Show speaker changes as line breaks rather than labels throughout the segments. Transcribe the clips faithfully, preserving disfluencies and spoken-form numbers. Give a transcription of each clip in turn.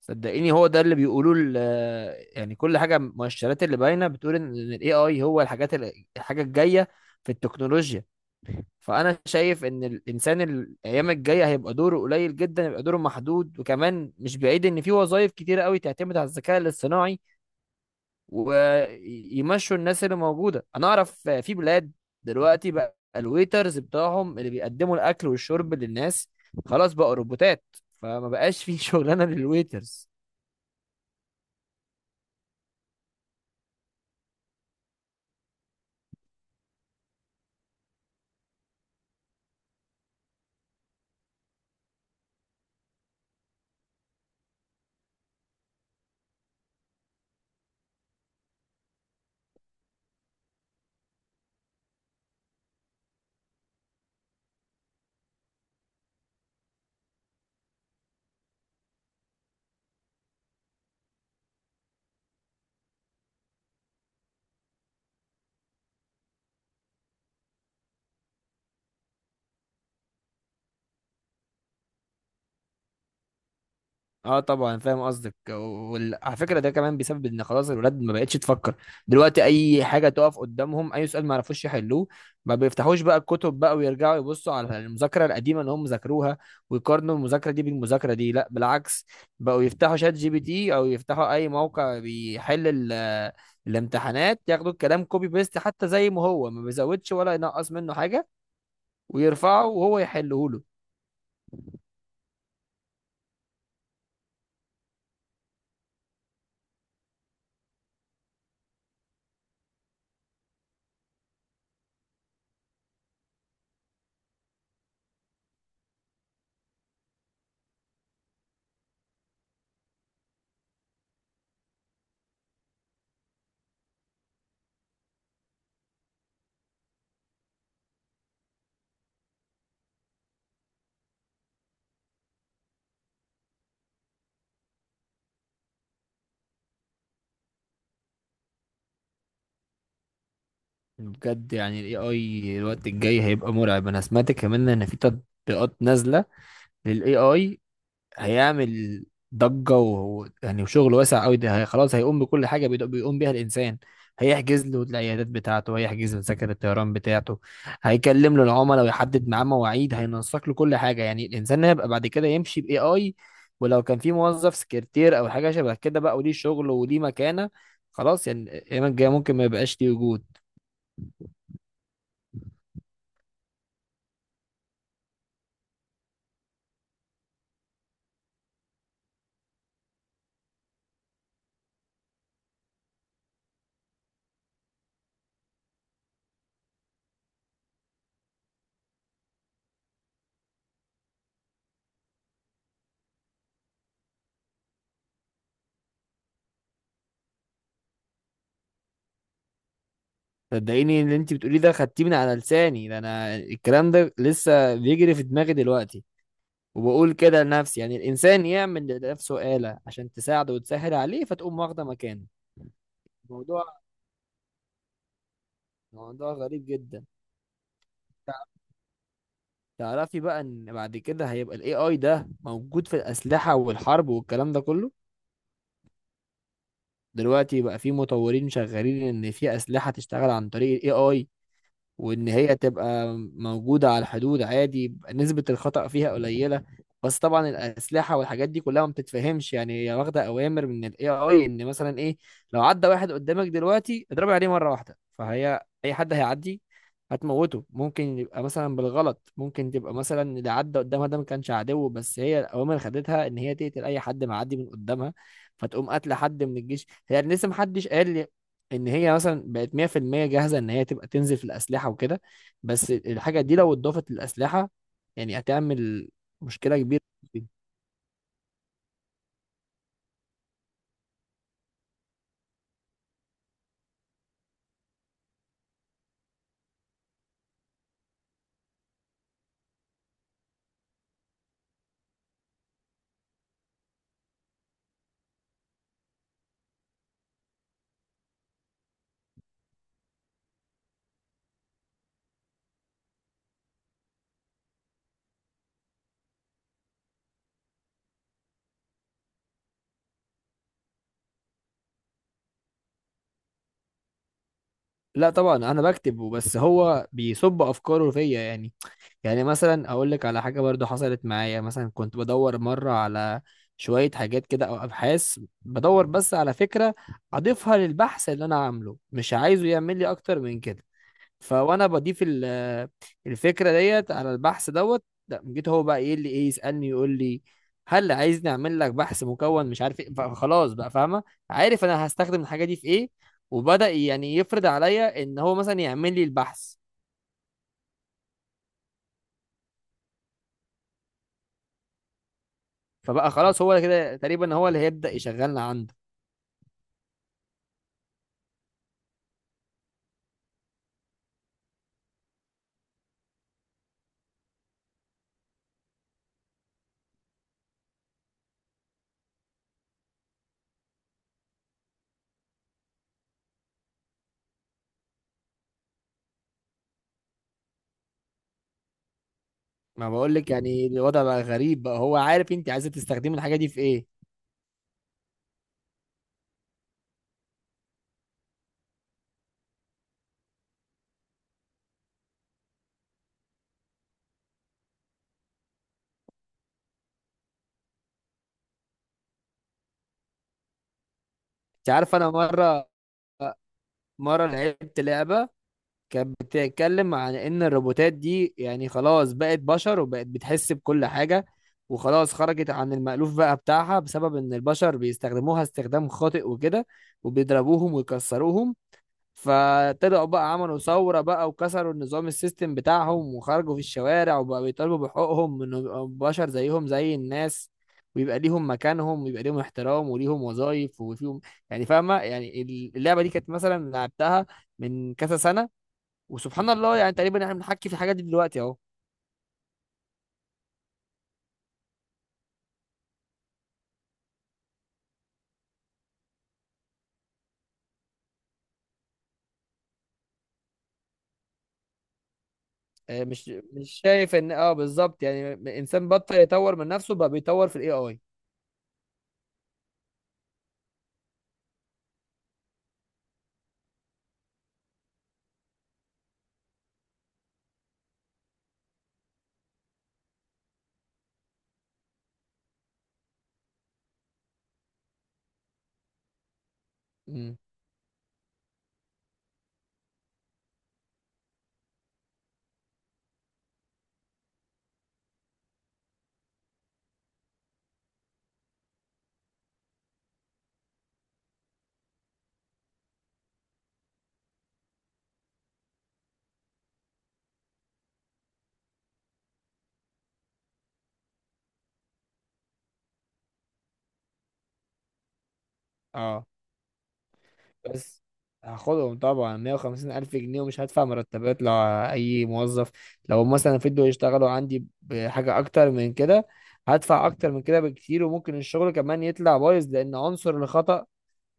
صدقيني، هو ده اللي بيقولوه ال- يعني كل حاجه، المؤشرات اللي باينه بتقول ان الاي اي هو الحاجات ال- الحاجه الجايه في التكنولوجيا. فانا شايف ان الانسان الايام الجايه هيبقى دوره قليل جدا، يبقى دوره محدود، وكمان مش بعيد ان في وظائف كتيره قوي تعتمد على الذكاء الاصطناعي ويمشوا الناس اللي موجوده. انا اعرف في بلاد دلوقتي بقى الويترز بتاعهم اللي بيقدموا الاكل والشرب للناس خلاص بقى روبوتات، فما بقاش في شغلانه للويترز. اه، طبعا فاهم قصدك، وعلى فكره ده كمان بسبب ان خلاص الولاد ما بقتش تفكر. دلوقتي اي حاجه تقف قدامهم، اي سؤال ما يعرفوش يحلوه، ما بيفتحوش بقى الكتب بقى ويرجعوا يبصوا على المذاكره القديمه اللي هم ذاكروها ويقارنوا المذاكره دي بالمذاكره دي، لا بالعكس، بقوا يفتحوا شات جي بي تي او يفتحوا اي موقع بيحل ال- الامتحانات، ياخدوا الكلام كوبي بيست حتى زي ما هو، ما بيزودش ولا ينقص منه حاجه، ويرفعه وهو يحله له. بجد يعني الاي اي الوقت الجاي هيبقى مرعب. انا سمعت كمان ان في تطبيقات نازله للاي اي، هيعمل ضجه و... يعني وشغل واسع قوي. ده هي خلاص هيقوم بكل حاجه بيد- بيقوم بيها الانسان. هيحجز له العيادات بتاعته، هيحجز له تذاكر الطيران بتاعته، هيكلم له العملاء ويحدد معاه مواعيد، هينسق له كل حاجه. يعني الانسان هيبقى بعد كده يمشي باي اي. ولو كان في موظف سكرتير او حاجه شبه كده بقى، وليه شغل وليه مكانه، خلاص يعني الايام الجايه ممكن ما يبقاش ليه وجود. صدقيني اللي انت بتقوليه ده خدتيه من على لساني. ده انا الكلام ده لسه بيجري في دماغي دلوقتي، وبقول كده لنفسي. يعني الانسان يعمل لنفسه آلة عشان تساعده وتسهل عليه، فتقوم واخده مكانه. موضوع موضوع غريب جدا. تعرفي بقى ان بعد كده هيبقى الاي اي ده موجود في الاسلحه والحرب والكلام ده كله. دلوقتي بقى في مطورين شغالين ان في اسلحه تشتغل عن طريق الاي اي، وان هي تبقى موجودة على الحدود عادي، يبقى نسبة الخطأ فيها قليلة. بس طبعا الأسلحة والحاجات دي كلها ما بتتفهمش. يعني هي واخدة أوامر من ال اي اي، إن مثلا إيه، لو عدى واحد قدامك دلوقتي اضربي عليه مرة واحدة، فهي أي حد هيعدي هتموته. ممكن يبقى مثلا بالغلط، ممكن تبقى مثلا اللي عدى قدامها ده ما كانش عدو، بس هي الأوامر خدتها إن هي تقتل أي حد معدي من قدامها، فتقوم قاتلة حد من الجيش. هي لسه محدش قال ان هي مثلا بقت مية في المية جاهزه ان هي تبقى تنزل في الاسلحه وكده، بس الحاجه دي لو اتضافت للاسلحه يعني هتعمل مشكله كبيره. لا طبعا انا بكتب، بس هو بيصب افكاره فيا. يعني، يعني مثلا اقول لك على حاجه برضو حصلت معايا. مثلا كنت بدور مره على شويه حاجات كده او ابحاث، بدور بس على فكره اضيفها للبحث اللي انا عامله، مش عايزه يعمل لي اكتر من كده. فوانا بضيف ال- الفكره ديت على البحث دوت، لا جيت هو بقى ايه اللي ايه، يسالني يقول لي هل عايزني اعمل لك بحث مكون مش عارف ايه. فخلاص بقى فاهمه، عارف انا هستخدم الحاجه دي في ايه، وبدا يعني يفرض عليا ان هو مثلا يعمل لي البحث. فبقى خلاص هو كده تقريبا هو اللي هيبدا يشغلنا عنده. ما بقول لك يعني الوضع بقى غريب بقى، هو عارف انت عايزه تستخدمي الحاجه دي في ايه. انت عارفه، انا مره مره لعبت لعبه كانت بتتكلم عن ان الروبوتات دي يعني خلاص بقت بشر وبقت بتحس بكل حاجة، وخلاص خرجت عن المألوف بقى بتاعها بسبب ان البشر بيستخدموها استخدام خاطئ وكده وبيضربوهم ويكسروهم، فطلعوا بقى عملوا ثورة بقى وكسروا النظام السيستم بتاعهم وخرجوا في الشوارع وبقى بيطالبوا بحقوقهم انه يبقوا بشر زيهم زي الناس، ويبقى ليهم مكانهم ويبقى ليهم احترام وليهم وظائف وفيهم، يعني فاهمة يعني. اللعبة دي كانت مثلا لعبتها من كذا سنة، وسبحان الله يعني تقريبا احنا بنحكي في الحاجات دي دلوقتي اهو. آه، مش مش شايف ان اه بالظبط. يعني م- انسان بطل يطور من نفسه، بقى بيطور في الاي اي. امم اه، بس هاخدهم طبعا مية وخمسين الف جنيه، ومش هدفع مرتبات لاي موظف. لو مثلا فضلوا يشتغلوا عندي بحاجه اكتر من كده هدفع اكتر من كده بكتير، وممكن الشغل كمان يطلع بايظ لان عنصر الخطأ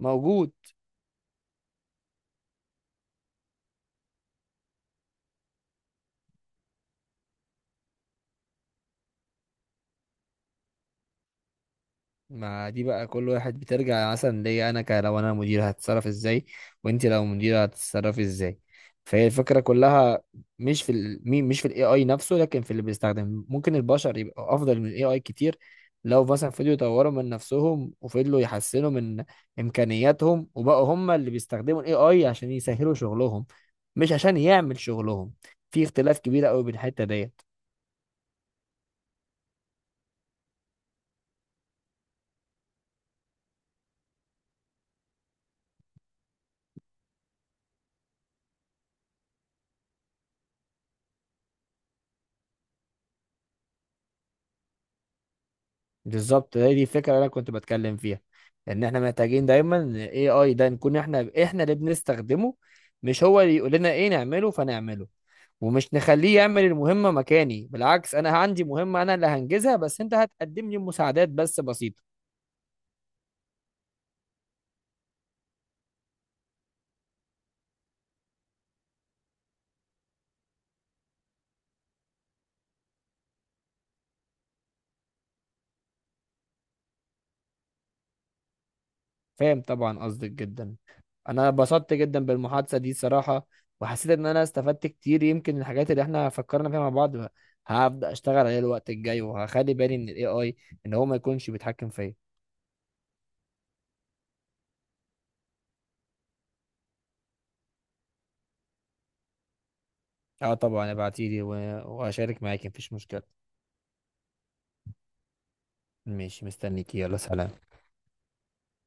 موجود. ما دي بقى كل واحد بترجع مثلا ليا انا، ك- لو انا مدير هتتصرف ازاي، وانت لو مدير هتتصرفي ازاي. فهي الفكره كلها مش في ال... مي- مش في الاي اي نفسه، لكن في اللي بيستخدم. ممكن البشر يبقى افضل من الاي اي كتير لو مثلا فضلوا يطوروا من نفسهم وفضلوا يحسنوا من امكانياتهم وبقوا هم اللي بيستخدموا الاي اي عشان يسهلوا شغلهم، مش عشان يعمل شغلهم. في اختلاف كبير قوي بين الحته ديت. بالظبط، هي دي الفكره اللي انا كنت بتكلم فيها. ان احنا محتاجين دايما الاي اي ده نكون احنا احنا اللي بنستخدمه، مش هو اللي يقول لنا ايه نعمله فنعمله، ومش نخليه يعمل المهمه مكاني. بالعكس، انا عندي مهمه انا اللي هنجزها، بس انت هتقدم لي مساعدات بس بسيطه. فاهم طبعا قصدك جدا. انا اتبسطت جدا بالمحادثه دي صراحه، وحسيت ان انا استفدت كتير. يمكن الحاجات اللي احنا فكرنا فيها مع بعض هبدا اشتغل عليها الوقت الجاي، وهخلي بالي من الاي اي ان هو ما يكونش بيتحكم فيا. اه طبعا ابعتيلي و- واشارك معاكي، مفيش مشكلة. ماشي، مستنيكي، يلا، سلام.